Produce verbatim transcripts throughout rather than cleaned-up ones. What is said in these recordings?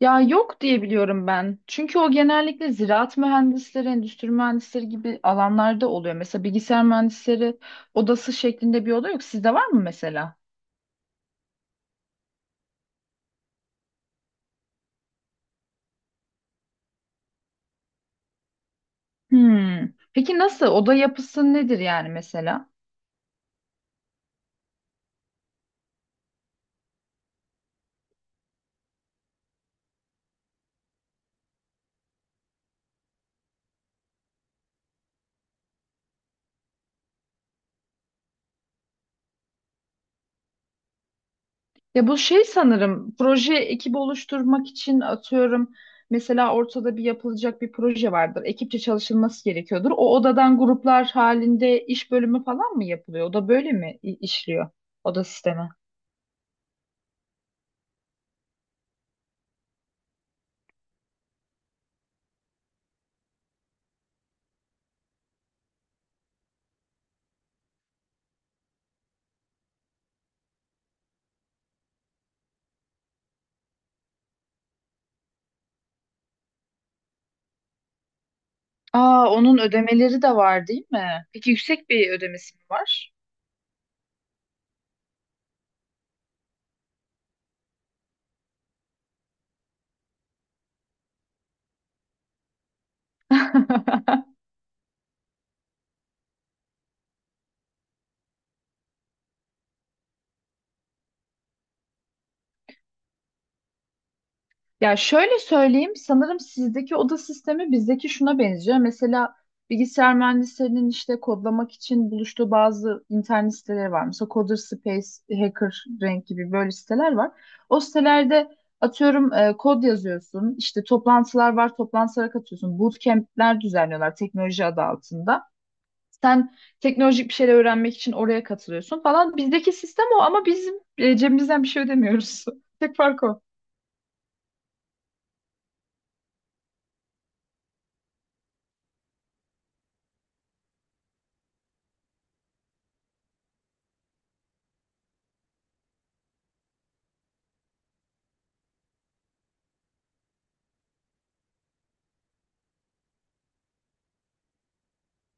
Ya yok diye biliyorum ben. Çünkü o genellikle ziraat mühendisleri, endüstri mühendisleri gibi alanlarda oluyor. Mesela bilgisayar mühendisleri odası şeklinde bir oda yok. Sizde var mı mesela? Hmm. Peki nasıl? Oda yapısı nedir yani mesela? Ya bu şey sanırım proje ekibi oluşturmak için atıyorum. Mesela ortada bir yapılacak bir proje vardır. Ekipçe çalışılması gerekiyordur. O odadan gruplar halinde iş bölümü falan mı yapılıyor? O da böyle mi i- işliyor? Oda sistemi. Aa, onun ödemeleri de var değil mi? Peki yüksek bir ödemesi mi var? Ya şöyle söyleyeyim, sanırım sizdeki oda sistemi bizdeki şuna benziyor. Mesela bilgisayar mühendislerinin işte kodlamak için buluştuğu bazı internet siteleri var. Mesela Coder Space, Hacker Rank gibi böyle siteler var. O sitelerde atıyorum e, kod yazıyorsun, işte toplantılar var, toplantılara katıyorsun. Bootcamp'ler düzenliyorlar teknoloji adı altında. Sen teknolojik bir şeyler öğrenmek için oraya katılıyorsun falan. Bizdeki sistem o ama bizim e, cebimizden bir şey ödemiyoruz. Tek fark o.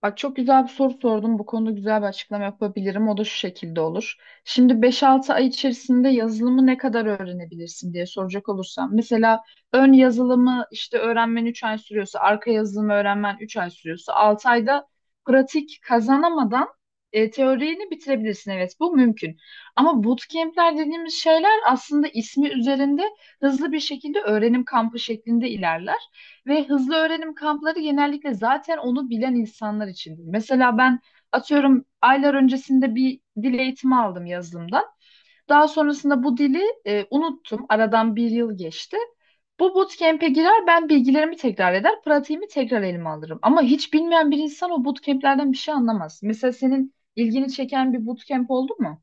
Bak çok güzel bir soru sordun. Bu konuda güzel bir açıklama yapabilirim. O da şu şekilde olur. Şimdi beş-altı ay içerisinde yazılımı ne kadar öğrenebilirsin diye soracak olursam. Mesela ön yazılımı işte öğrenmen üç ay sürüyorsa, arka yazılımı öğrenmen üç ay sürüyorsa, altı ayda pratik kazanamadan e, teorini bitirebilirsin. Evet bu mümkün. Ama bootcamp'ler dediğimiz şeyler aslında ismi üzerinde hızlı bir şekilde öğrenim kampı şeklinde ilerler. Ve hızlı öğrenim kampları genellikle zaten onu bilen insanlar içindir. Mesela ben atıyorum aylar öncesinde bir dil eğitimi aldım yazılımdan. Daha sonrasında bu dili e, unuttum. Aradan bir yıl geçti. Bu bootcamp'e girer, ben bilgilerimi tekrar eder, pratiğimi tekrar elime alırım. Ama hiç bilmeyen bir insan o bootcamp'lerden bir şey anlamaz. Mesela senin ilgini çeken bir bootcamp oldu mu?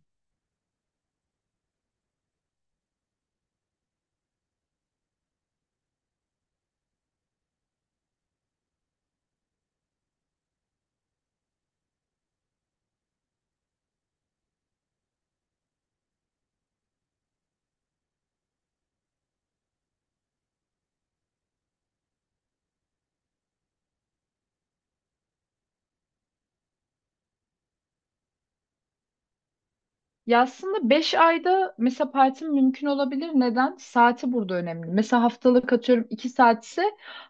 Ya aslında beş ayda mesela partim mümkün olabilir. Neden? Saati burada önemli. Mesela haftalık atıyorum iki saatse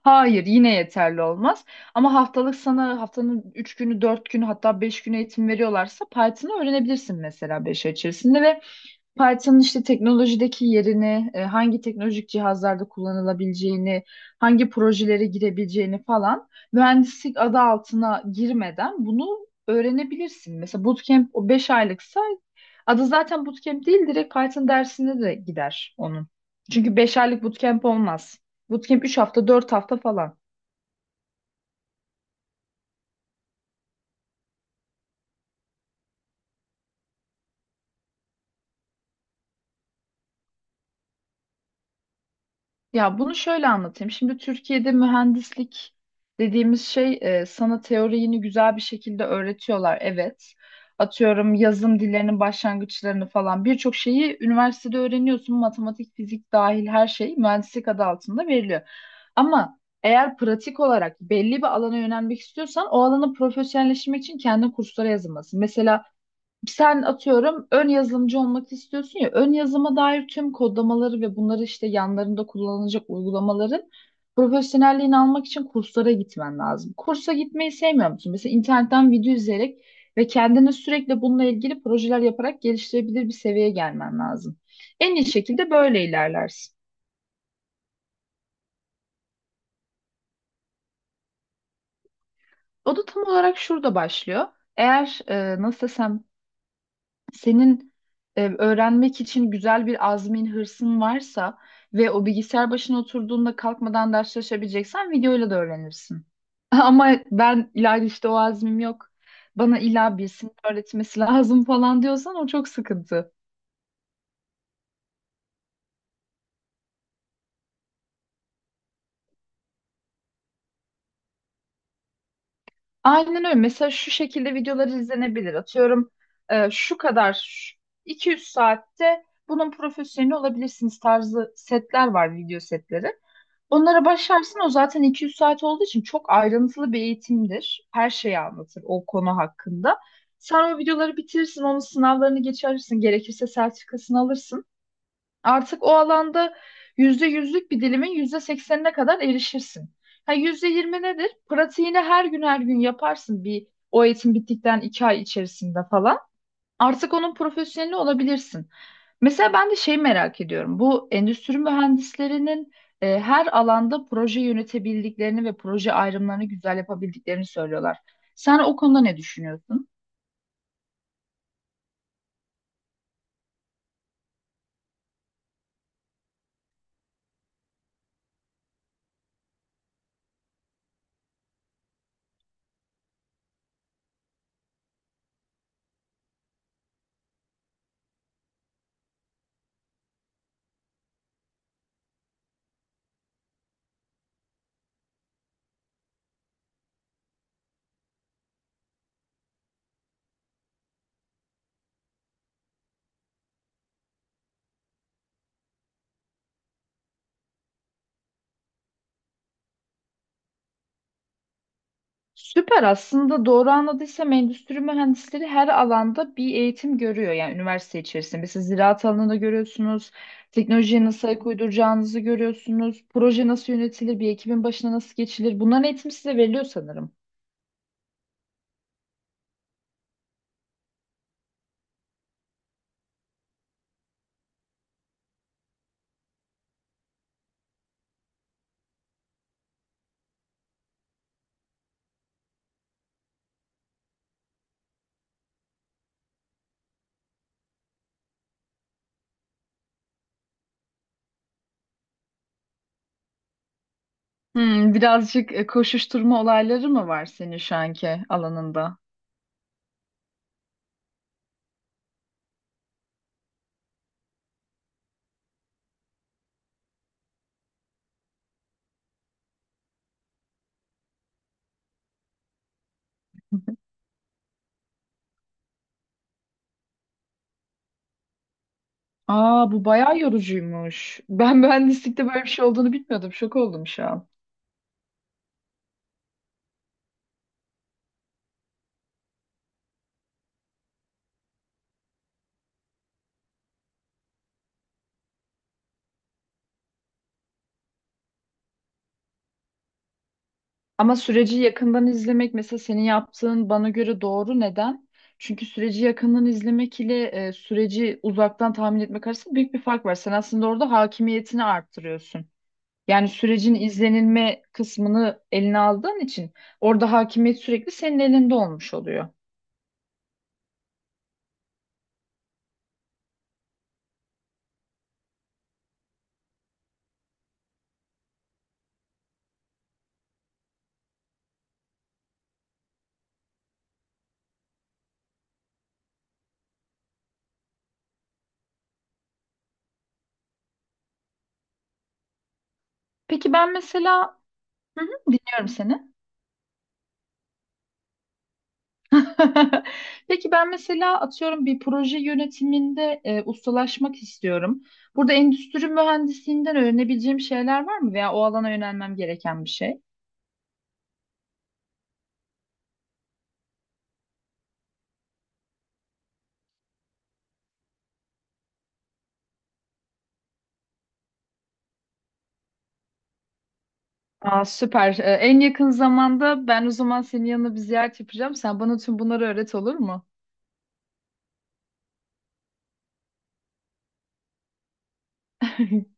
hayır yine yeterli olmaz. Ama haftalık sana haftanın üç günü dört günü hatta beş günü eğitim veriyorlarsa partini öğrenebilirsin mesela beş ay içerisinde ve Python'ın işte teknolojideki yerini, e, hangi teknolojik cihazlarda kullanılabileceğini, hangi projelere girebileceğini falan mühendislik adı altına girmeden bunu öğrenebilirsin. Mesela bootcamp o beş aylıksa adı zaten bootcamp değil direkt Python dersine de gider onun. Çünkü beş aylık bootcamp olmaz. Bootcamp üç hafta, dört hafta falan. Ya bunu şöyle anlatayım. Şimdi Türkiye'de mühendislik dediğimiz şey e, sana teoriyini güzel bir şekilde öğretiyorlar. Evet. Atıyorum yazım dillerinin başlangıçlarını falan birçok şeyi üniversitede öğreniyorsun. Matematik, fizik dahil her şey mühendislik adı altında veriliyor. Ama eğer pratik olarak belli bir alana yönelmek istiyorsan o alanı profesyonelleşmek için kendi kurslara yazılmalısın. Mesela sen atıyorum ön yazılımcı olmak istiyorsun ya ön yazıma dair tüm kodlamaları ve bunları işte yanlarında kullanılacak uygulamaların profesyonelliğini almak için kurslara gitmen lazım. Kursa gitmeyi sevmiyor musun? Mesela internetten video izleyerek ve kendini sürekli bununla ilgili projeler yaparak geliştirebilir bir seviyeye gelmen lazım. En iyi şekilde böyle ilerlersin. O da tam olarak şurada başlıyor. Eğer e, nasıl desem senin e, öğrenmek için güzel bir azmin, hırsın varsa ve o bilgisayar başına oturduğunda kalkmadan ders çalışabileceksen videoyla da öğrenirsin. Ama ben İlayda işte o azmim yok. Bana illa birisinin öğretmesi lazım falan diyorsan o çok sıkıntı. Aynen öyle. Mesela şu şekilde videolar izlenebilir. Atıyorum e, şu kadar şu- iki yüz saatte bunun profesyoneli olabilirsiniz tarzı setler var video setleri. Onlara başlarsın o zaten iki yüz saat olduğu için çok ayrıntılı bir eğitimdir. Her şeyi anlatır o konu hakkında. Sen o videoları bitirirsin, onun sınavlarını geçersin, gerekirse sertifikasını alırsın. Artık o alanda yüzde yüzlük bir dilimin yüzde seksenine kadar erişirsin. Ha, yüzde yirmi nedir? Pratiğini her gün her gün yaparsın bir o eğitim bittikten iki ay içerisinde falan. Artık onun profesyoneli olabilirsin. Mesela ben de şey merak ediyorum. Bu endüstri mühendislerinin e, her alanda proje yönetebildiklerini ve proje ayrımlarını güzel yapabildiklerini söylüyorlar. Sen o konuda ne düşünüyorsun? Süper, aslında doğru anladıysam endüstri mühendisleri her alanda bir eğitim görüyor yani üniversite içerisinde. Mesela ziraat alanında görüyorsunuz, teknolojiye nasıl ayak uyduracağınızı görüyorsunuz, proje nasıl yönetilir, bir ekibin başına nasıl geçilir. Bunların eğitimi size veriliyor sanırım. Hmm, birazcık e, koşuşturma olayları mı var senin şu anki alanında? Aa bu bayağı yorucuymuş. Ben mühendislikte böyle bir şey olduğunu bilmiyordum. Şok oldum şu an. Ama süreci yakından izlemek mesela senin yaptığın bana göre doğru. Neden? Çünkü süreci yakından izlemek ile e, süreci uzaktan tahmin etmek arasında büyük bir fark var. Sen aslında orada hakimiyetini arttırıyorsun. Yani sürecin izlenilme kısmını eline aldığın için orada hakimiyet sürekli senin elinde olmuş oluyor. Peki ben mesela. Hı hı. Dinliyorum seni. Peki ben mesela atıyorum bir proje yönetiminde e, ustalaşmak istiyorum. Burada endüstri mühendisliğinden öğrenebileceğim şeyler var mı veya o alana yönelmem gereken bir şey? Aa, süper. E, en yakın zamanda ben o zaman senin yanına bir ziyaret yapacağım. Sen bana tüm bunları öğret, olur mu?